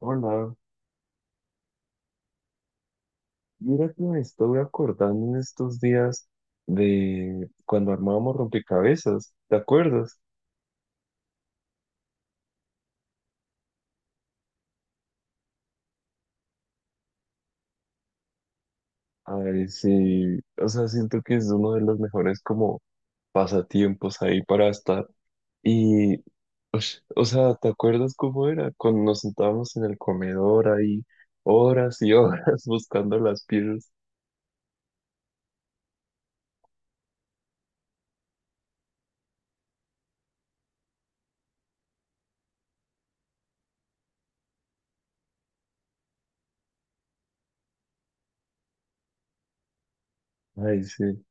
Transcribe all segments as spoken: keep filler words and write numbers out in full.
Hola, mira que me estoy acordando en estos días de cuando armábamos rompecabezas, ¿te acuerdas? Ay, sí, o sea, siento que es uno de los mejores como pasatiempos ahí para estar. Y, ush, o sea, ¿te acuerdas cómo era? Cuando nos sentábamos en el comedor ahí horas y horas buscando las piezas. Ay, sí,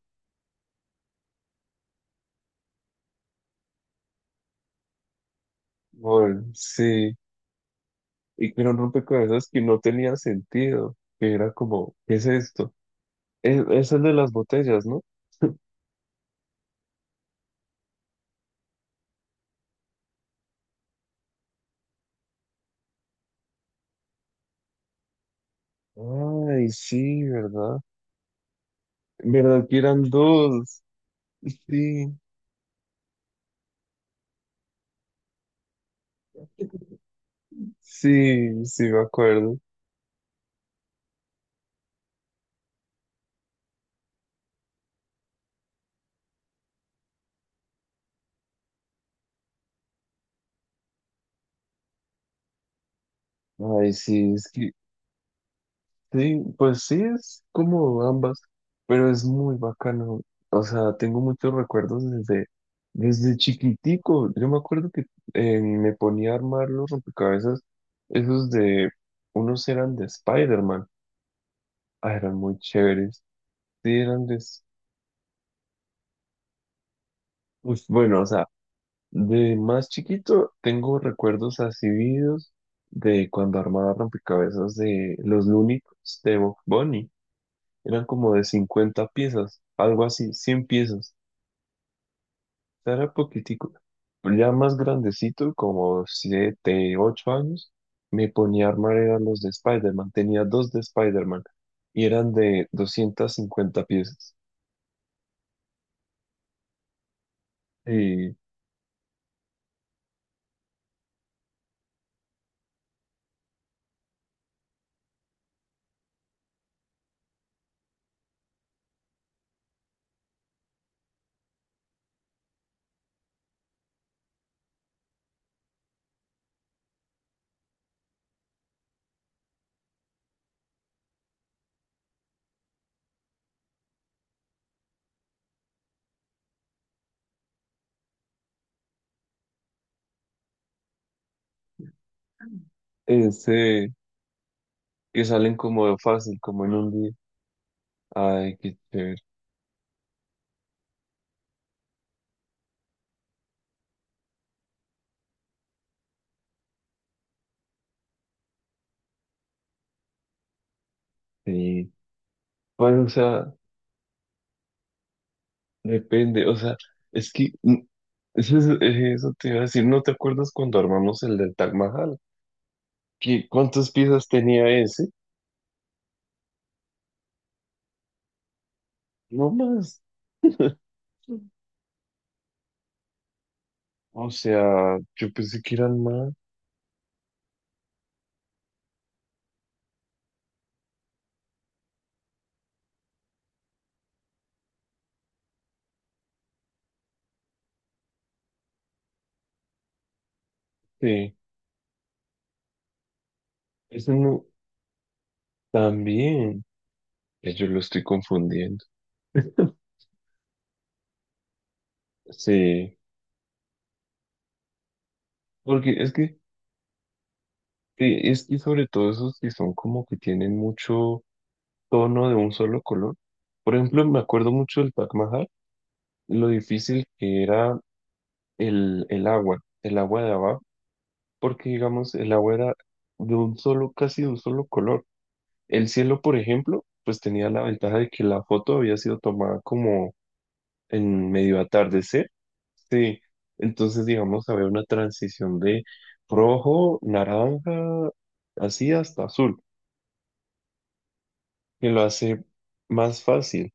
bueno, sí. Y que eran rompecabezas que no tenía sentido, que era como, ¿qué es esto? Es, es el de las botellas, ¿no? Ay, sí, ¿verdad? ¿Verdad que eran dos? Sí, sí, sí, me acuerdo. Ay, sí, es que, sí, pues sí, es como ambas, pero es muy bacano. O sea, tengo muchos recuerdos desde, desde chiquitico. Yo me acuerdo que eh, me ponía a armar los rompecabezas, esos de, unos eran de Spider-Man. Ah, eran muy chéveres. Sí, eran de, s- pues, bueno, o sea, de más chiquito tengo recuerdos así vividos de cuando armaba rompecabezas de los Looney Tunes de Bugs Bunny. Eran como de cincuenta piezas, algo así, cien piezas. O sea, era poquitico. Pero ya más grandecito, como siete, ocho años, me ponía a armar eran los de Spider-Man. Tenía dos de Spider-Man y eran de doscientas cincuenta piezas. Y ese que salen como fácil, como en un día. Ay, qué chévere. Sí. Pues, o sea, depende, o sea, es que mm, eso, es- eh, eso te iba a decir, ¿no te acuerdas cuando armamos el del Taj Mahal? ¿Qué, cuántas piezas tenía ese? No más. O sea, yo pensé que eran más. Sí, eso no, también. Eh, Yo lo estoy confundiendo. Sí, porque es que, eh, es que sobre todo esos que son como que tienen mucho tono de un solo color. Por ejemplo, me acuerdo mucho del Taj Mahal, lo difícil que era el, el agua, el agua de abajo, porque digamos, el agua era de un solo, casi de un solo color. El cielo, por ejemplo, pues tenía la ventaja de que la foto había sido tomada como en medio atardecer. Sí, entonces digamos, había una transición de rojo, naranja, así hasta azul, que lo hace más fácil,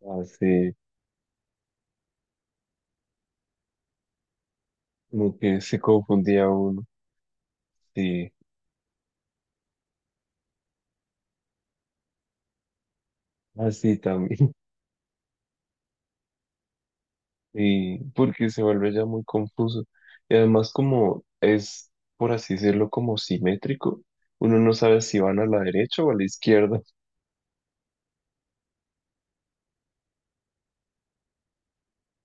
hace como que se confundía uno, sí, así también. Y porque se vuelve ya muy confuso. Y además como es, por así decirlo, como simétrico, uno no sabe si van a la derecha o a la izquierda.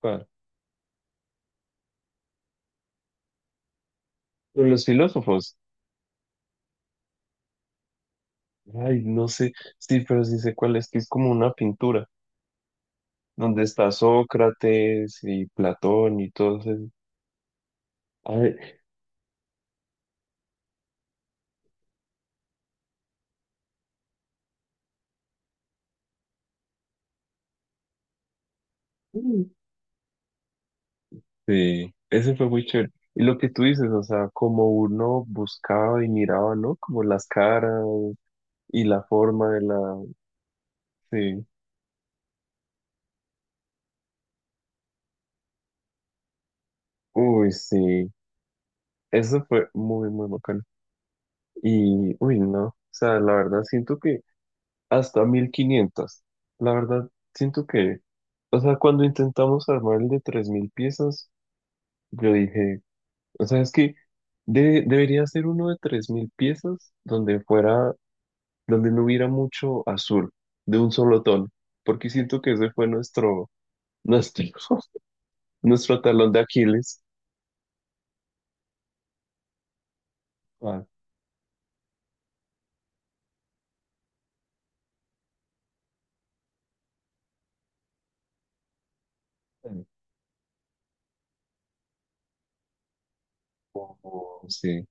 Pa- Pero los filósofos, ay, no sé, sí, pero sí sé cuál es, que es como una pintura, donde está Sócrates y Platón y todos esos. Ay, sí, ese fue muy chévere. Y lo que tú dices, o sea, como uno buscaba y miraba, ¿no? Como las caras y la forma de la... Sí. Uy, sí, eso fue muy, muy bacano. Y, uy, no, o sea, la verdad siento que hasta mil quinientas, la verdad siento que, o sea, cuando intentamos armar el de tres mil piezas, yo dije, o sea, es que de- debería ser uno de tres mil piezas donde fuera, donde no hubiera mucho azul, de un solo tono, porque siento que ese fue nuestro, nuestro, nuestro talón de Aquiles. Ah, sí.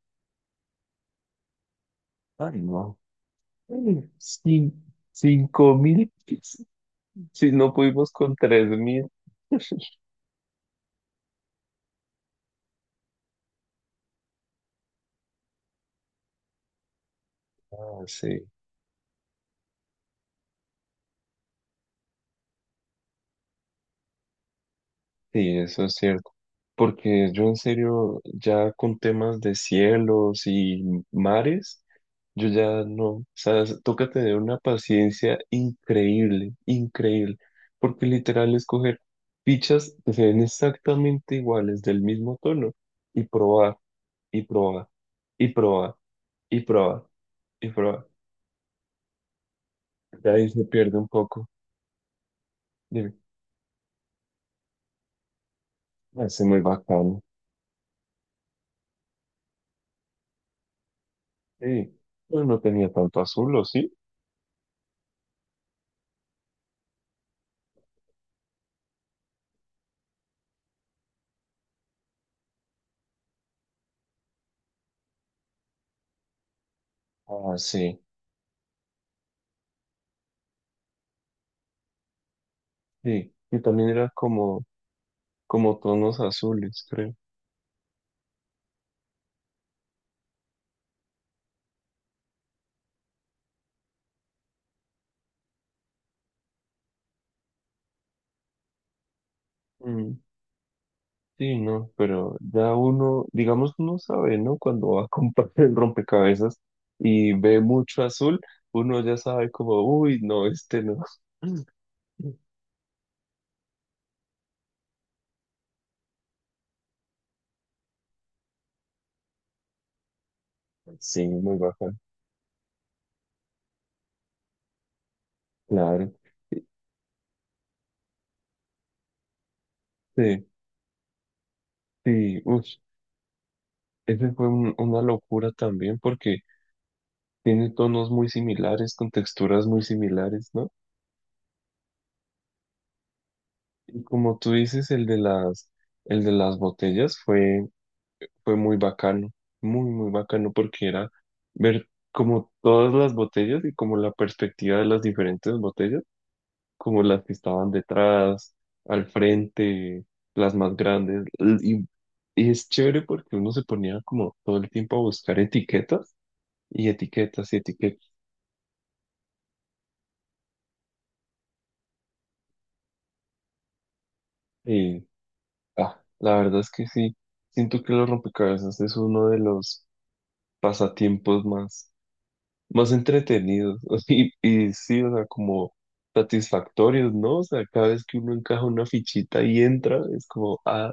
Ay, no. Cin- cinco mil, si no pudimos con tres mil. Ah, sí, sí, eso es cierto. Porque yo en serio, ya con temas de cielos y mares, yo ya no, o sea, se- toca tener una paciencia increíble, increíble. Porque literal es coger fichas que se ven exactamente iguales, del mismo tono, y probar, y probar, y probar, y probar, y probar. Ya ahí se pierde un poco. Ese muy bacano. Sí. Pero no tenía tanto azul, ¿o sí? Ah, sí. Sí. Y también era como, como tonos azules, creo. Mm, sí, no, pero ya uno, digamos, uno sabe, ¿no? Cuando va a comprar el rompecabezas y ve mucho azul, uno ya sabe como, uy, no, este no. Sí, muy bacano. Claro. Sí, sí, uff, ese fue un- una locura también porque tiene tonos muy similares, con texturas muy similares, ¿no? Como tú dices, el de las, el de las botellas fue, fue muy bacano, muy, muy bacano porque era ver como todas las botellas y como la perspectiva de las diferentes botellas, como las que estaban detrás, al frente, las más grandes. l- Y, y es chévere porque uno se ponía como todo el tiempo a buscar etiquetas y etiquetas y etiquetas. Y ah, la verdad es que sí, siento que los rompecabezas es uno de los pasatiempos más más entretenidos y, y sí, o sea, como satisfactorios, ¿no? O sea, cada vez que uno encaja una fichita y entra, es como, ah,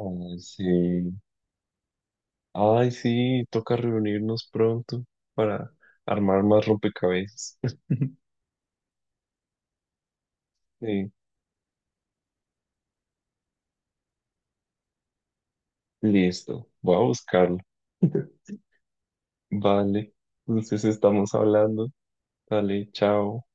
ay, sí, ay, sí, toca reunirnos pronto para armar más rompecabezas. Sí, listo, voy a buscarlo. Vale, entonces estamos hablando. Dale, chao.